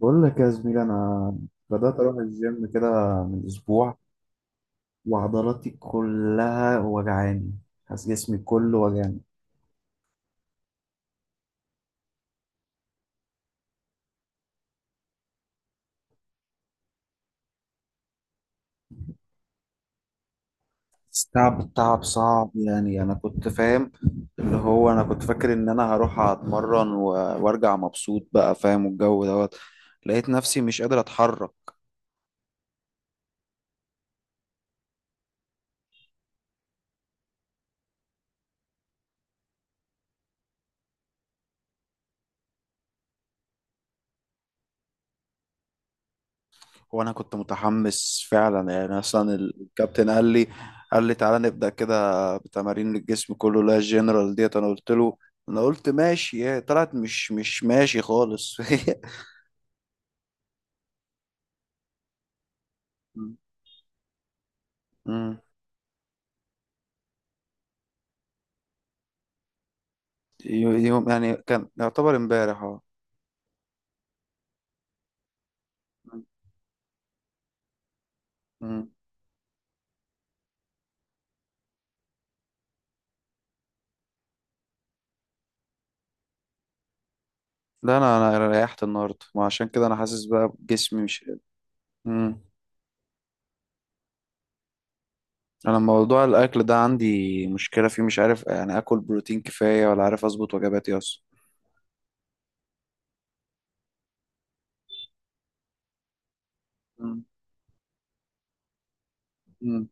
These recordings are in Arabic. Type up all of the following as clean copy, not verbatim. بقول لك يا زميلي، انا بدات اروح الجيم كده من اسبوع، وعضلاتي كلها وجعاني. حاسس جسمي كله وجعاني. التعب التعب صعب، يعني انا كنت فاهم. اللي هو انا كنت فاكر ان انا هروح اتمرن وارجع مبسوط بقى، فاهم، والجو دوت. لقيت نفسي مش قادر اتحرك. وانا كنت متحمس فعلا، يعني اصلا الكابتن قال لي تعالى نبدا كده بتمارين الجسم كله، لا الجنرال ديت. انا قلت له انا قلت ماشي، هي طلعت مش ماشي خالص. أمم. يوم يعني كان يعتبر امبارح، اه. أمم. لا، انا ريحت النهارده، ما عشان كده انا حاسس بقى بجسمي مش قادر. امم. انا موضوع الاكل ده عندي مشكله فيه، مش عارف يعني اكل بروتين كفايه، ولا عارف اظبط وجباتي اصلا. أمم. أمم.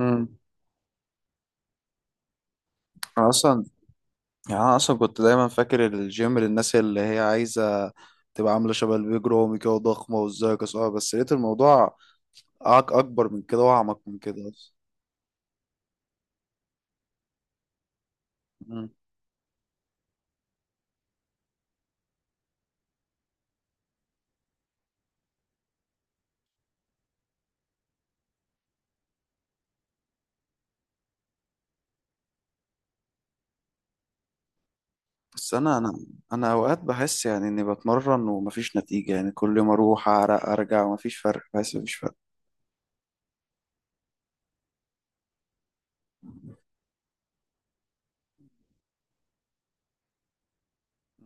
أمم. أنا اصلا يعني انا اصلا كنت دايما فاكر الجيم للناس اللي هي عايزه تبقى عامله شبه البيج رامي كده وضخمه وازاي كسوها، بس لقيت الموضوع اكبر من كده واعمق من كده اصلا. مم. بس انا اوقات بحس يعني اني بتمرن ومفيش نتيجه، يعني كل يوم اروح اعرق ارجع ومفيش فرق، بحس مفيش فرق.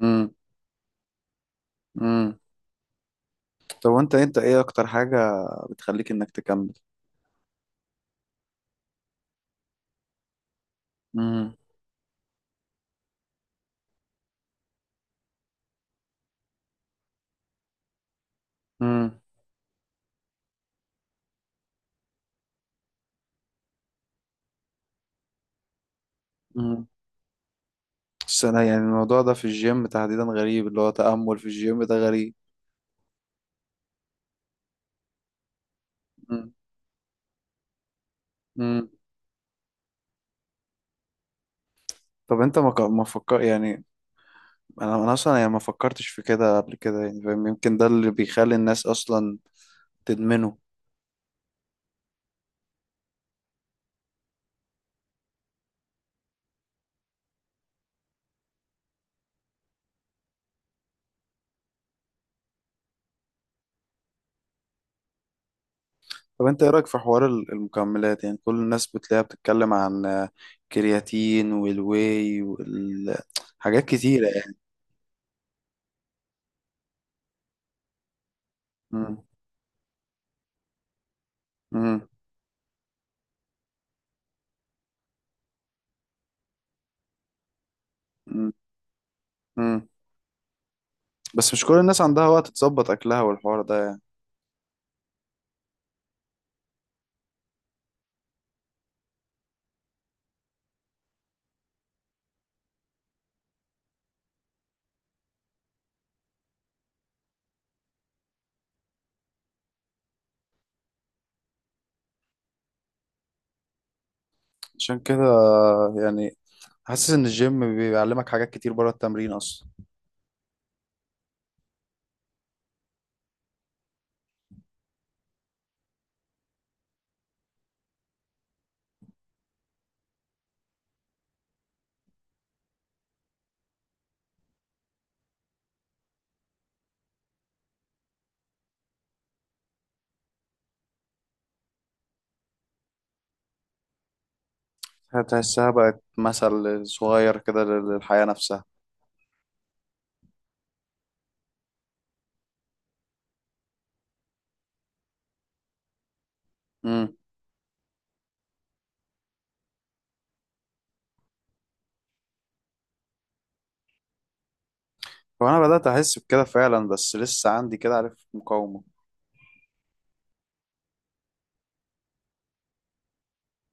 امم. امم. طب، وانت ايه اكتر حاجه بتخليك انك تكمل؟ امم. امم. امم. بس انا يعني الموضوع ده في الجيم تحديدا غريب، اللي هو تأمل في الجيم ده غريب. مم. مم. طب انت ما فكر يعني. انا اصلا يعني ما فكرتش في كده قبل كده يعني، فاهم؟ يمكن ده اللي بيخلي الناس اصلا تدمنه. طب انت ايه رايك في حوار المكملات؟ يعني كل الناس بتلاقيها بتتكلم عن آه، كرياتين والواي والحاجات كتيره يعني. مم. مم. مم. مم. بس مش كل الناس عندها وقت تظبط اكلها والحوار ده يعني. عشان كده يعني، حاسس ان الجيم بيعلمك حاجات كتير بره التمرين اصلا. هتحسها بقت مثل صغير كده للحياه نفسها. وانا بدات احس بكده فعلا، بس لسه عندي كده، عارف، مقاومه.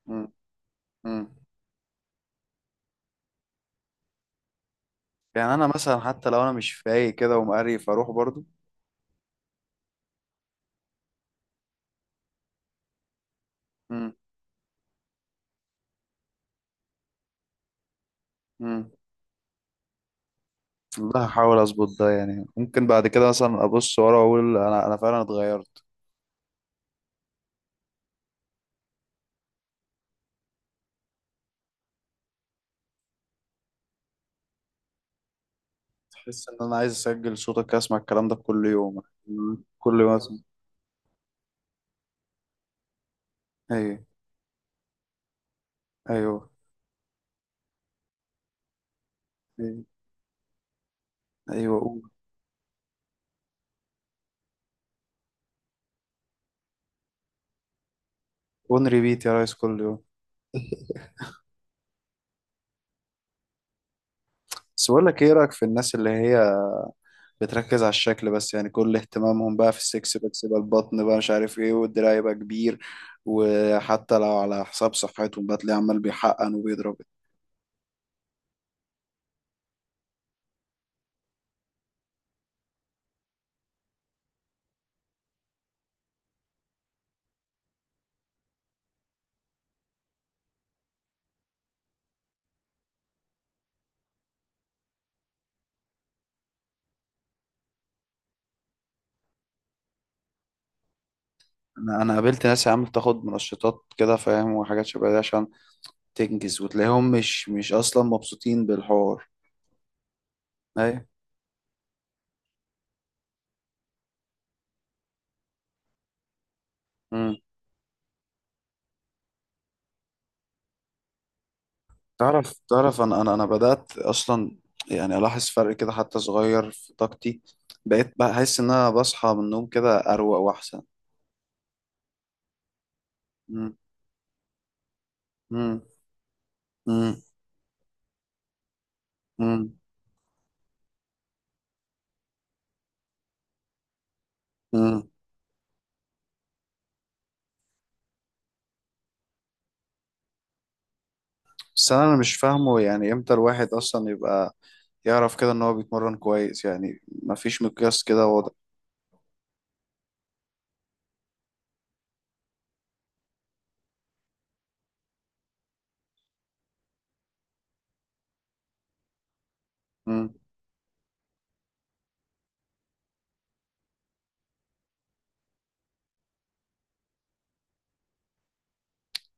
مم. مم. يعني انا مثلا حتى لو انا مش فايق كده ومقريف اروح برضو. مم. مم. والله هحاول اظبط ده، يعني ممكن بعد كده مثلا ابص ورا واقول انا فعلا اتغيرت. تحس ان انا عايز اسجل صوتك اسمع الكلام ده كل يوم. مم. كل يوم اسمع. ايوه. ايوه. ايوه. ايوه. ايوه. اون ريبيت يا ريس، كل يوم. بس بقول لك، ايه رايك في الناس اللي هي بتركز على الشكل بس، يعني كل اهتمامهم بقى في السكس باكس بقى، البطن بقى، مش عارف ايه، والدراع يبقى كبير، وحتى لو على حساب صحتهم بقى تلاقيه عمال بيحقن وبيضرب. انا قابلت ناس يا عم بتاخد منشطات كده، فاهم، وحاجات شبه دي عشان تنجز، وتلاقيهم مش اصلا مبسوطين بالحوار. ايوه. امم. تعرف انا بدأت اصلا يعني الاحظ فرق كده حتى صغير في طاقتي، بقيت بحس ان انا بصحى من النوم كده اروق واحسن. امم. امم. امم. بس انا مش فاهمه، يعني امتى الواحد اصلا يبقى يعرف كده ان هو بيتمرن كويس؟ يعني مفيش مقياس كده واضح. مم.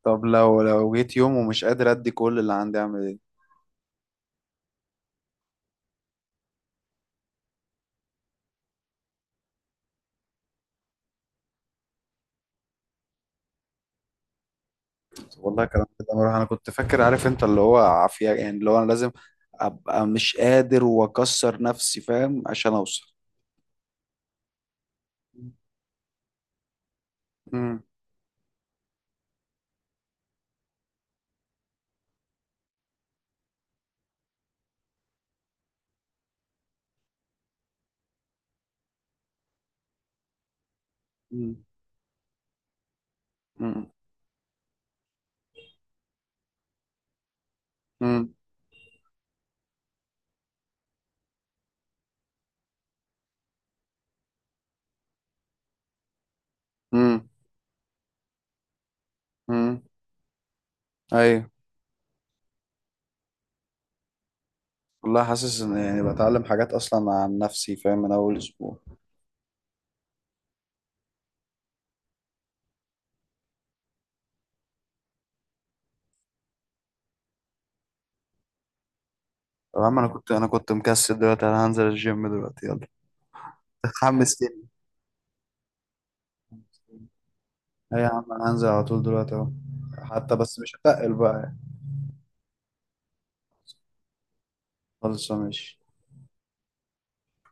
طب لو جيت يوم ومش قادر ادي كل اللي عندي، اعمل ايه؟ والله كلام كده مره، انا كنت فاكر، عارف انت، اللي هو عافيه يعني، اللي هو انا لازم ابقى مش قادر واكسر نفسي، فاهم، عشان اوصل. مم. مم. مم. مم. مم. مم. ايوه. والله حاسس ان يعني بتعلم حاجات اصلا عن نفسي، فاهم، من اول اسبوع. يا عم انا كنت مكسل، دلوقتي انا هنزل الجيم دلوقتي، يلا، اتحمس تاني. اي يا عم انا هنزل على طول دلوقتي اهو، حتى بس مش هتقل بقى. خلص ماشي.